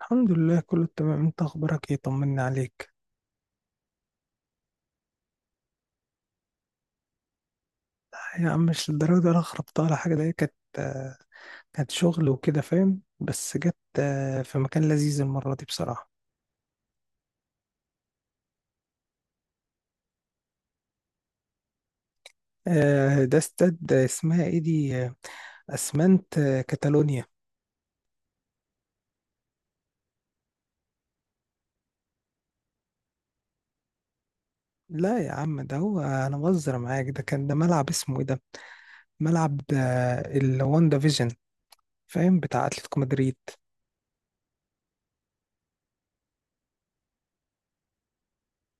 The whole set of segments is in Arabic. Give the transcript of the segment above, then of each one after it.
الحمد لله، كله تمام. انت اخبارك ايه؟ طمنا عليك. لا يا عم، مش للدرجه دي، انا خربتها على حاجه. ده آه، كانت شغل وكده، فاهم؟ بس جت في مكان لذيذ المره دي بصراحه. ده استاد اسمها ايه دي اسمنت كاتالونيا. لا يا عم، ده هو انا بهزر معاك. ده كان ده ملعب اسمه ايه ده، ملعب الواندا فيجن، فاهم؟ بتاع اتلتيكو مدريد.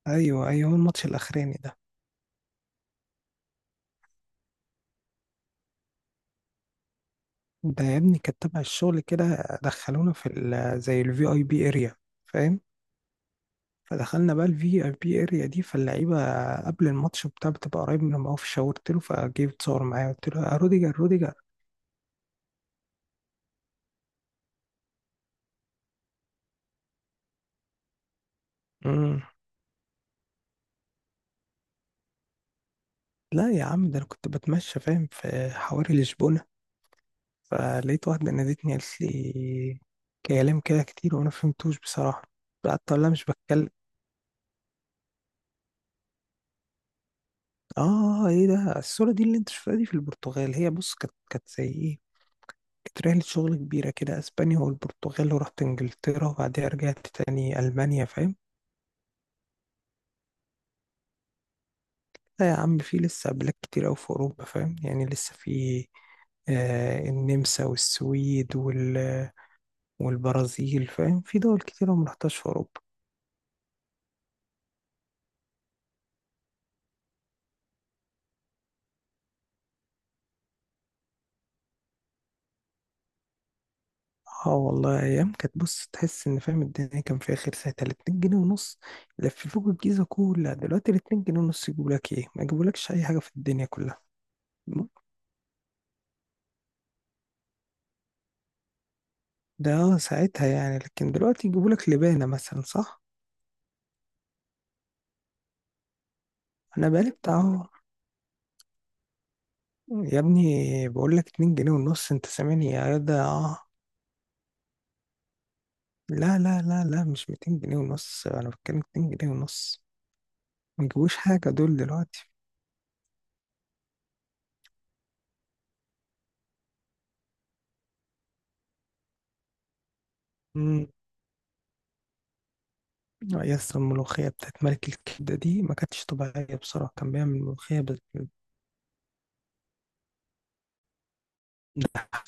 ايوه ايوه، هو الماتش الاخراني ده. ده يا ابني كانت تبع الشغل، كده دخلونا في زي الفي اي بي اريا، فاهم؟ فدخلنا بقى الفي اي بي اريا دي، فاللعيبه قبل الماتش بتاع بتبقى قريب منهم قوي، فشاورت له فجه يتصور معايا، قلت له يا روديجر، روديجر! امم. لا يا عم، ده انا كنت بتمشى، فاهم، في حواري لشبونه، فلقيت واحده نادتني قالت لي كلام كده كتير وانا فهمتوش بصراحه. قعدت اقول لها مش بتكلم. اه، ايه ده الصوره دي اللي انت شفتها دي في البرتغال؟ هي بص كانت زي ايه. كانت رحلة شغل كبيرة كده، أسبانيا والبرتغال، ورحت إنجلترا، وبعدها رجعت تاني ألمانيا، فاهم. لا يا عم، في لسه بلاد كتير أوي في أوروبا، فاهم، يعني لسه في النمسا والسويد والبرازيل، فاهم، في دول كتير أنا مرحتهاش في أوروبا. اه والله، أيام كانت، بص، تحس إن، فاهم، الدنيا كان فيها خير ساعتها. الاتنين جنيه ونص لففوك الجيزة كلها، دلوقتي الاتنين جنيه ونص يجيبولك ايه؟ ما يجيبولكش أي حاجة في الدنيا كلها. م- ده ساعتها يعني، لكن دلوقتي يجيبولك لبانة مثلا، صح. انا بقالي بتاع أهو. يا ابني بقول لك 2 جنيه ونص، انت سامعني يا جدع؟ لا لا لا لا، مش 200 جنيه ونص، انا بتكلم 2 جنيه ونص. ما يجيبوش حاجه دول دلوقتي. امم. يا اسطى، الملوخيه بتاعت ملك الكبده دي ما كانتش طبيعيه بصراحه، كان بيعمل ملوخيه بت...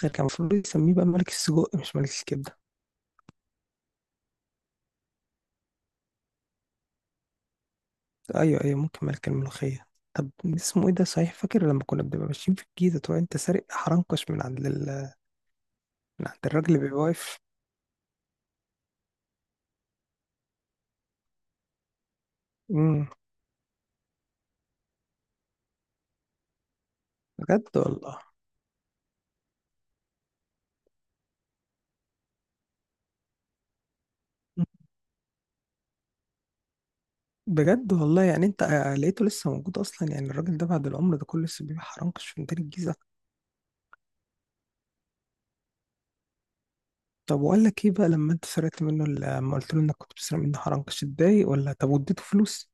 غير كان المفروض يسميه بقى ملك السجق مش ملك الكبده. ايوه ايوه، ممكن ملك الملوخيه. طب اسمه ايه ده، صحيح فاكر لما كنا بنبقى ماشيين في الجيزه تقول انت سارق حرنكش من عند ال... من عند الراجل اللي بيبقى واقف؟ بجد والله. بجد والله، يعني انت لقيته لسه موجود اصلا، يعني الراجل ده بعد العمر ده كله لسه بيبيع حرنكش في ميدان الجيزه. طب واقول لك ايه بقى، لما انت سرقت منه لما قلت له انك كنت بتسرق منه حرنكش، اتضايق ولا طب واديته فلوس؟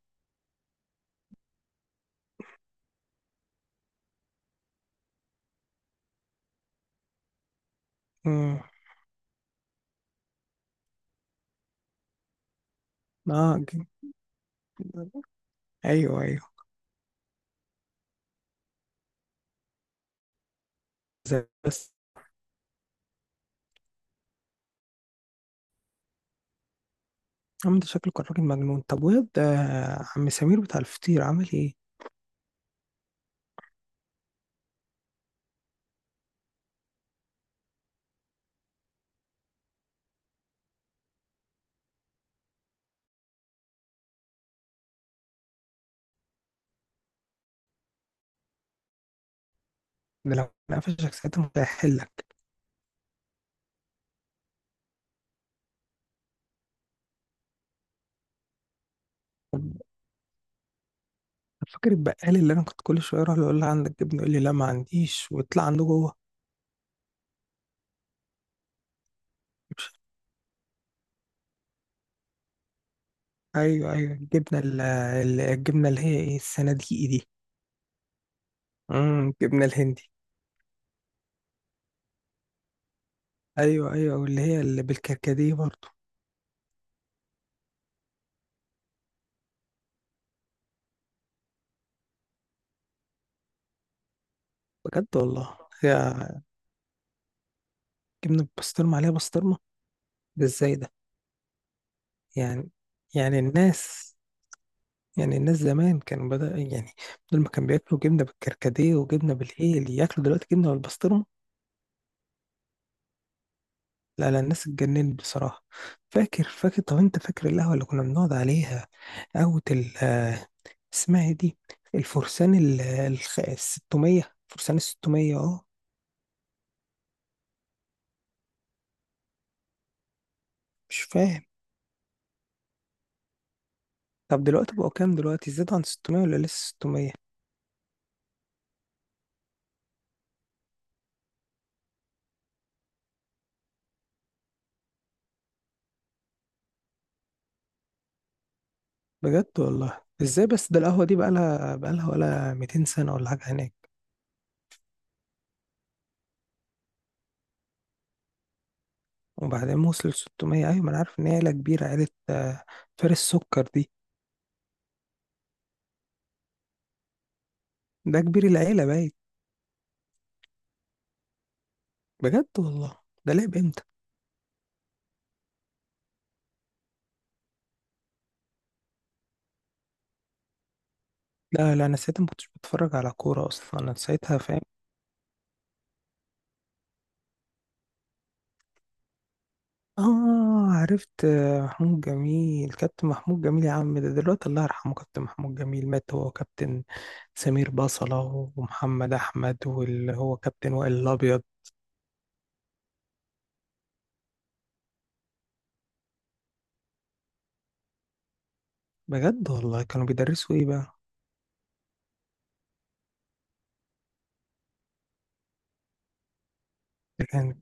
امم. اه ج- ايوه ايوه. زي بس. عم ده شكله كان راجل مجنون. طب واد عم سمير بتاع الفطير عامل ايه؟ ده لو انا قفشك ساعتها مش هيحلك. طب فاكر البقال اللي انا كنت كل شويه اروح له اقول له عندك جبنه، يقول لي لا ما عنديش، ويطلع عنده جوه؟ ايوه ايوه، الجبنه الجبنه اللي هي ايه، الصناديقي دي. الجبنه الهندي. ايوه ايوه، واللي هي اللي بالكركديه برضه. بجد والله، هي جبنه بسطرمه عليها بسطرمه؟ ده ازاي ده؟ يعني. يعني الناس. يعني الناس زمان كانوا بدأ يعني، بدل ما كانوا بياكلوا جبنه بالكركديه وجبنه بالايه، اللي ياكلوا دلوقتي جبنه بالبسطرمه. لا لا، الناس اتجننت بصراحه. فاكر فاكر، طب انت فاكر القهوه اللي كنا بنقعد عليها؟ قهوه اسمها إيه دي، الفرسان الستمية، فرسان الستمية، اه. مش فاهم. طب دلوقتي بقوا كام؟ دلوقتي زاد عن 600 ولا لسه 600؟ بجد والله، ازاي بس؟ ده القهوة دي بقالها ولا 200 سنة ولا حاجة هناك. وبعدين وصل 600، ايوه ما انا عارف ان هي عيلة كبيرة، عيلة فارس سكر دي. ده كبير العيلة باين. بجد والله، ده لعب امتى؟ لا لا، انا ساعتها ما كنتش بتفرج على كورة اصلا، انا ساعتها فاهم. اه، عرفت محمود جميل. كابتن محمود جميل يا عم ده دلوقتي الله يرحمه، كابتن محمود جميل مات، هو كابتن سمير بصلة، ومحمد أحمد، واللي هو كابتن وائل الأبيض. بجد والله، كانوا بيدرسوا إيه بقى؟ ده كان.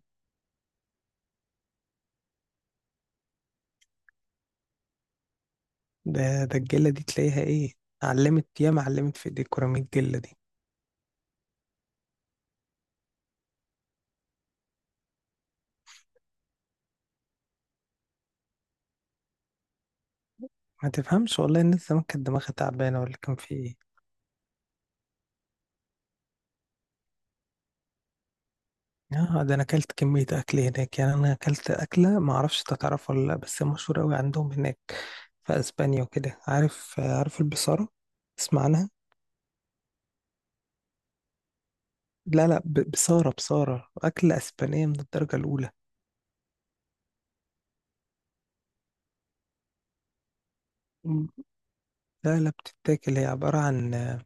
ده الجلة دي تلاقيها إيه، علمت ياما علمت في إيديك كرة من الجلة دي. ما تفهمش والله، الناس زمان كانت دماغها تعبانة ولا كان في إيه؟ اه، ده انا اكلت كمية اكل هناك، يعني انا اكلت اكلة ما اعرفش تعرف ولا لا، بس مشهورة قوي عندهم هناك في اسبانيا وكده. عارف عارف البصارة، تسمع عنها؟ لا لا، بصارة اكلة اسبانية من الدرجة الاولى. مم. لا لا، بتتاكل، هي عبارة عن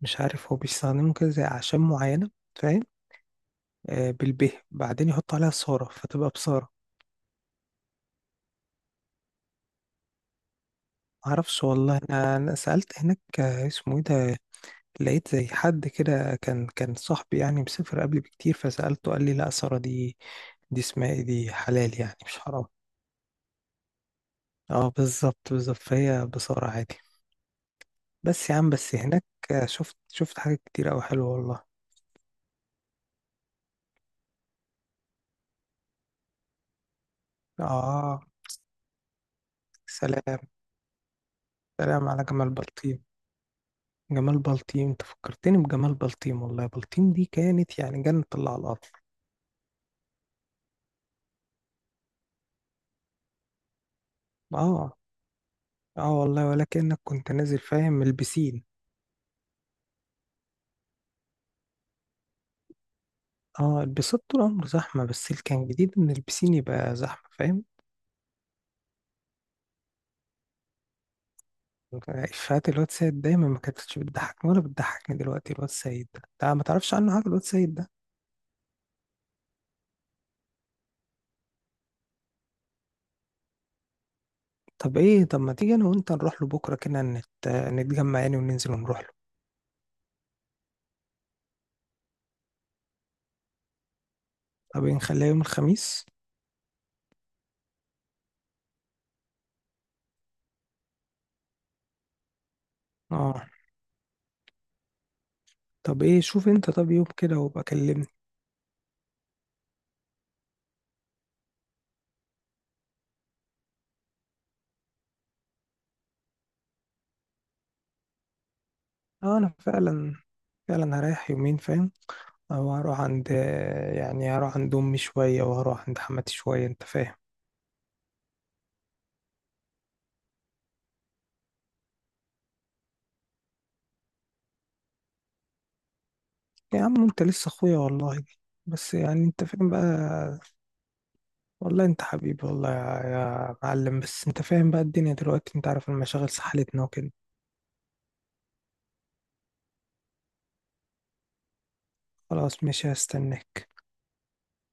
مش عارف، هو بيستخدموا كده زي اعشاب معينة، فاهم، بالبه بعدين يحطوا عليها صارة فتبقى بصارة. معرفش والله، انا سألت هناك اسمه ايه ده. لقيت زي حد كده، كان صاحبي يعني، مسافر قبلي بكتير، فسألته قال لي لا، سارة دي، دي اسمها ايه دي، حلال يعني مش حرام. اه، بالظبط بالظبط، فهي بصارة عادي. بس يا عم، بس هناك شفت حاجات كتير أوي حلوة والله. اه. سلام، سلام على جمال بلطيم. جمال بلطيم، انت فكرتني بجمال بلطيم والله. بلطيم دي كانت يعني جنة الله على الأرض. اه. اه والله، ولكنك كنت نازل، فاهم، من البسين. اه، البسين طول عمره زحمة، بس اللي كان جديد ان البسين يبقى زحمة، فاهم. إفيهات الواد سيد دايما ما كانتش بتضحكني ولا بتضحكني دلوقتي. الواد سيد ده ما تعرفش عنه حاجة، الواد سيد ده. طب ايه، طب ما تيجي انا وانت نروح له بكرة كده، نتجمع يعني وننزل ونروح له؟ طب ايه، نخليها يوم الخميس؟ اه، طب ايه، شوف انت طب يوم كده وابقى كلمني. اه، انا فعلا. فعلا هريح يومين، فاهم. او هروح عند، يعني هروح عند امي شوية وهروح عند حماتي شوية، انت فاهم. يا عم انت لسه اخويا والله. بس يعني انت فاهم بقى. والله انت حبيبي والله، يا معلم، بس انت فاهم بقى الدنيا دلوقتي، انت عارف المشاغل سحلتنا وكده. خلاص ماشي، هستناك.